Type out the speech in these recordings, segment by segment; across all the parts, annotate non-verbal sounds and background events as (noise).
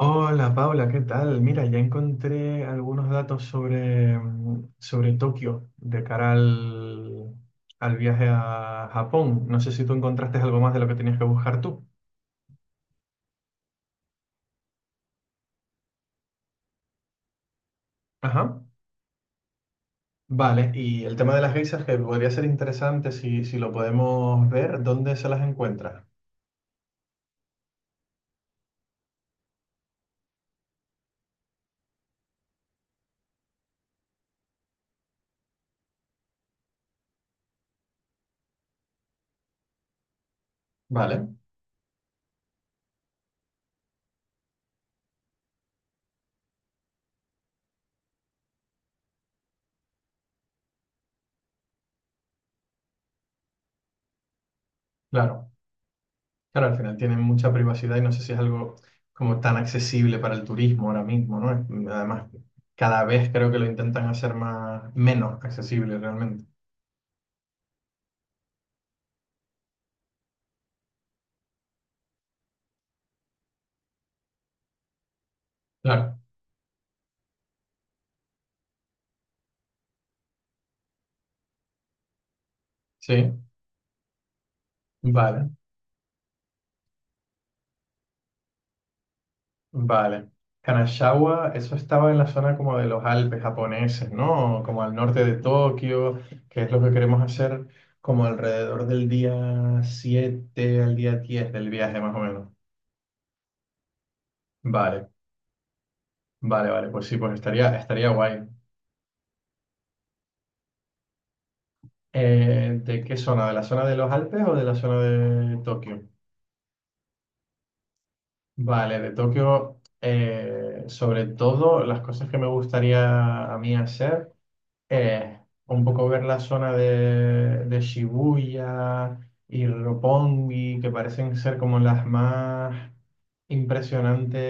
Hola Paula, ¿qué tal? Mira, ya encontré algunos datos sobre, sobre Tokio de cara al viaje a Japón. No sé si tú encontraste algo más de lo que tenías que buscar tú. Ajá. Vale, y el tema de las geishas que podría ser interesante si lo podemos ver, ¿dónde se las encuentra? Vale, claro. Claro, al final tienen mucha privacidad y no sé si es algo como tan accesible para el turismo ahora mismo, ¿no? Además, cada vez creo que lo intentan hacer más, menos accesible realmente. Claro, sí, vale, vale. Kanashawa, eso estaba en la zona como de los Alpes japoneses, ¿no? Como al norte de Tokio, que es lo que queremos hacer como alrededor del día 7 al día 10 del viaje, más o menos. Vale, vale, vale, pues sí, pues estaría guay. ¿De qué zona? ¿De la zona de los Alpes o de la zona de Tokio? Vale, de Tokio, sobre todo las cosas que me gustaría a mí hacer. eh, un poco ver la zona de Shibuya y Roppongi, que parecen ser como las más impresionantes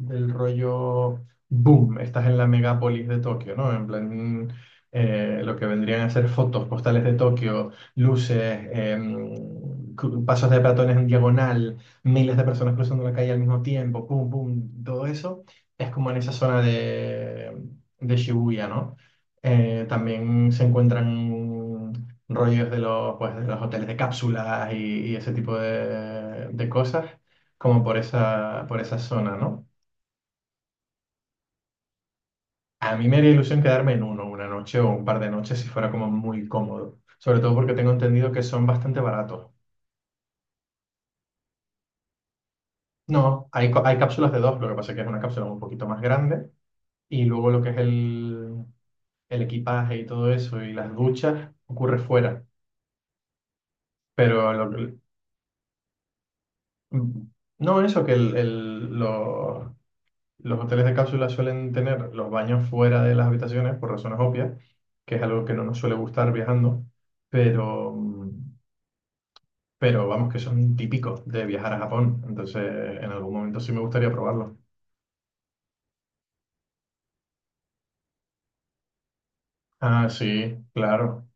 del rollo boom. Estás en la megápolis de Tokio, ¿no? En plan, lo que vendrían a ser fotos postales de Tokio, luces, pasos de peatones en diagonal, miles de personas cruzando la calle al mismo tiempo, pum, pum, todo eso. Es como en esa zona de Shibuya, ¿no? También se encuentran rollos de los, pues, de los hoteles de cápsulas y ese tipo de cosas, como por esa zona, ¿no? A mí me haría ilusión quedarme en uno, una noche o un par de noches si fuera como muy cómodo, sobre todo porque tengo entendido que son bastante baratos. No, hay cápsulas de dos, lo que pasa es que es una cápsula un poquito más grande y luego lo que es el equipaje y todo eso y las duchas ocurre fuera. Pero lo- Mm, No, eso que los hoteles de cápsula suelen tener los baños fuera de las habitaciones por razones obvias, que es algo que no nos suele gustar viajando, pero, mm, pero vamos que son típicos de viajar a Japón, entonces en algún momento sí me gustaría probarlo. Ah, sí, claro,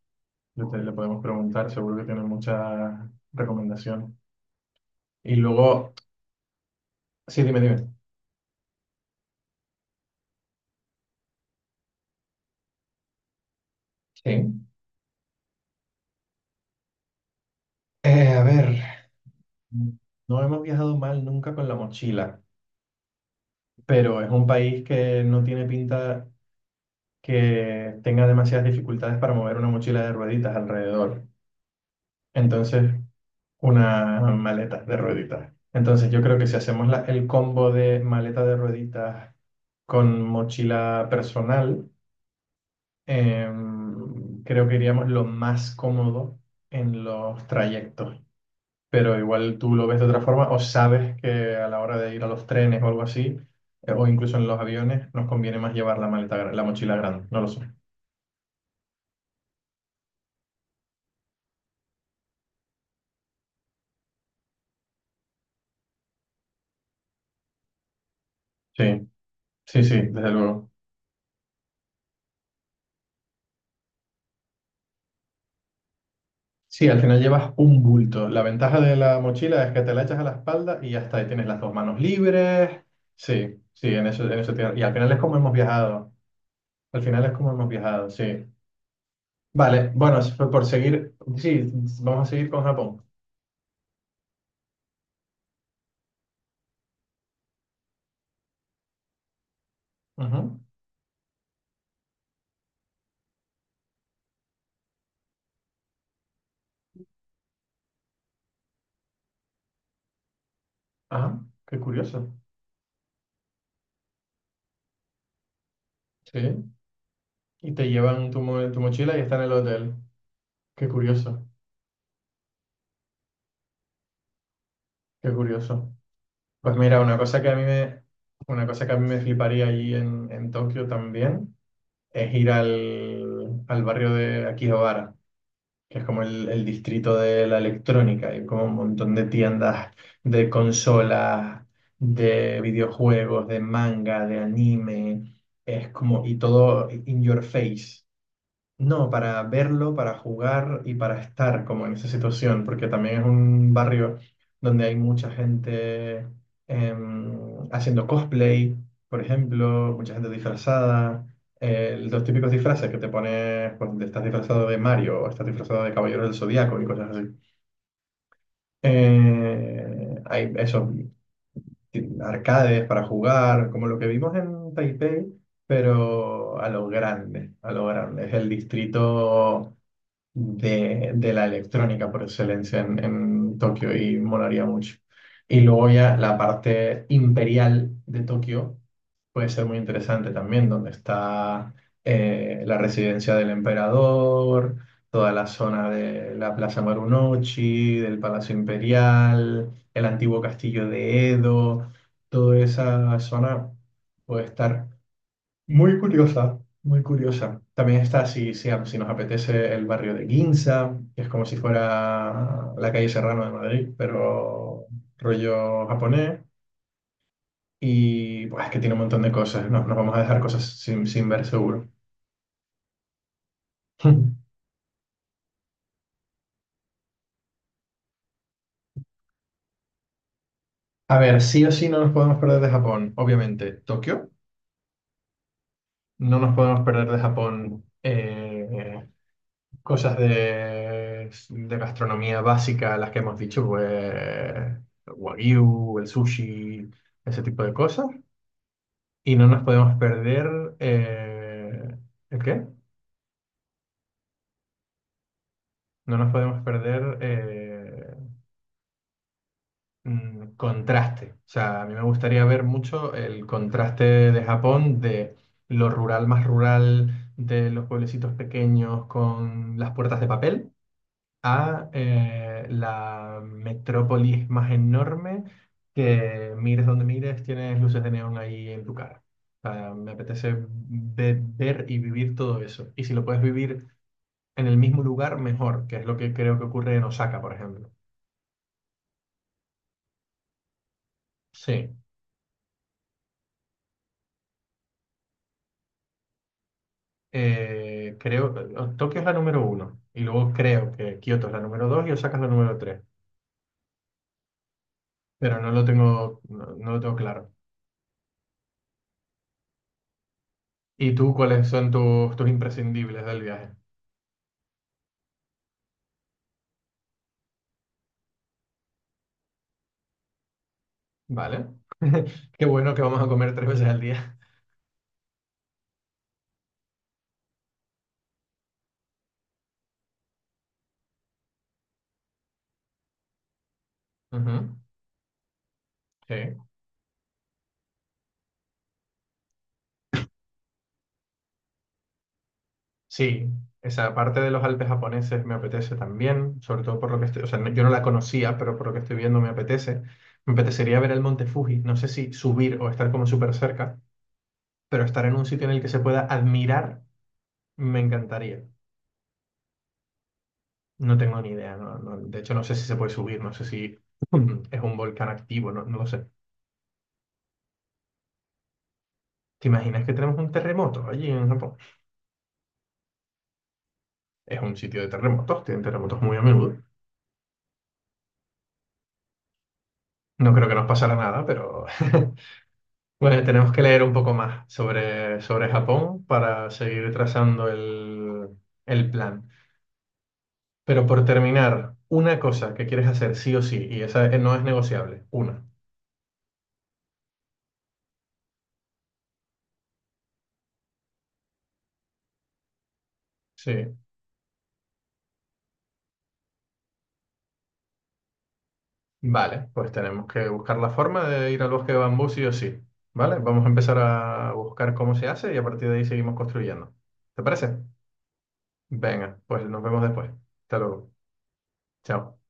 le podemos preguntar, seguro que tienen muchas recomendaciones. Y luego, sí, dime, dime. Sí. A ver, no hemos viajado mal nunca con la mochila. Pero es un país que no tiene pinta que tenga demasiadas dificultades para mover una mochila de rueditas alrededor. Entonces, una maleta de rueditas. Entonces, yo creo que si hacemos el combo de maleta de rueditas con mochila personal, creo que iríamos lo más cómodo en los trayectos. Pero igual tú lo ves de otra forma o sabes que a la hora de ir a los trenes o algo así, o incluso en los aviones, nos conviene más llevar la maleta, la mochila grande, no lo sé. Sí, sí, sí, desde luego. Sí, al final llevas un bulto. La ventaja de la mochila es que te la echas a la espalda y ya está, ahí tienes las dos manos libres. Sí, sí, en eso. Y al final es como hemos viajado. Al final es como hemos viajado, sí. Vale, bueno, si fue por seguir, sí, vamos a seguir con Japón. Ujú, ajá, qué curioso. Sí. Y te llevan tu mochila y está en el hotel. Qué curioso, qué curioso. Pues mira, una cosa que a mí me fliparía allí en Tokio también es ir al barrio de Akihabara, que es como el distrito de la electrónica. Hay como un montón de tiendas de consolas, de videojuegos, de manga, de anime. Es como, y todo in your face. No, para verlo, para jugar y para estar como en esa situación, porque también es un barrio donde hay mucha gente haciendo cosplay, por ejemplo, mucha gente disfrazada, los típicos disfraces que te pones, pues estás disfrazado de Mario o estás disfrazado de Caballero del Zodíaco y cosas así. Hay esos arcades para jugar, como lo que vimos en Taipei, pero a lo grande, a lo grande. Es el distrito de la electrónica por excelencia en Tokio y molaría mucho. Y luego ya la parte imperial de Tokio puede ser muy interesante también, donde está la residencia del emperador, toda la zona de la Plaza Marunouchi, del Palacio Imperial, el antiguo castillo de Edo, toda esa zona puede estar muy curiosa, muy curiosa. También está si nos apetece el barrio de Ginza, que es como si fuera la calle Serrano de Madrid, pero rollo japonés. Y pues es que tiene un montón de cosas. No, nos vamos a dejar cosas sin ver seguro. (laughs) A ver, sí o sí no nos podemos perder de Japón, obviamente. Tokio, no nos podemos perder de Japón. Cosas de gastronomía básica, las que hemos dicho, pues el wagyu, el sushi, ese tipo de cosas. Y no nos podemos perder, ¿el qué? No nos podemos perder contraste. O sea, a mí me gustaría ver mucho el contraste de Japón de lo rural más rural, de los pueblecitos pequeños con las puertas de papel a la metrópolis más enorme que mires donde mires, tienes luces de neón ahí en tu cara. O sea, me apetece ver y vivir todo eso. Y si lo puedes vivir en el mismo lugar, mejor, que es lo que creo que ocurre en Osaka, por ejemplo. Sí, creo, Tokio es la número 1 y luego creo que Kioto es la número 2 y Osaka es la número 3, pero no lo tengo, no, no lo tengo claro. ¿Y tú cuáles son tus imprescindibles del viaje? Vale. (laughs) Qué bueno que vamos a comer 3 veces al día. Ujú, sí. Sí, esa parte de los Alpes japoneses me apetece también, sobre todo por lo que estoy, o sea, yo no la conocía, pero por lo que estoy viendo me apetece. Me apetecería ver el monte Fuji, no sé si subir o estar como súper cerca, pero estar en un sitio en el que se pueda admirar me encantaría. No tengo ni idea, de hecho no sé si se puede subir, no sé si (clears throat) es un volcán activo, no, no lo sé. ¿Te imaginas que tenemos un terremoto allí en Japón? Es un sitio de terremotos, tienen terremotos muy a menudo. No creo que nos pasara nada, pero (laughs) bueno, tenemos que leer un poco más sobre Japón para seguir trazando el plan. Pero por terminar, una cosa que quieres hacer sí o sí, y esa no es negociable, una. Sí, vale, pues tenemos que buscar la forma de ir al bosque de bambú sí o sí. Vale, vamos a empezar a buscar cómo se hace y a partir de ahí seguimos construyendo. ¿Te parece? Venga, pues nos vemos después. Hasta luego. Chao.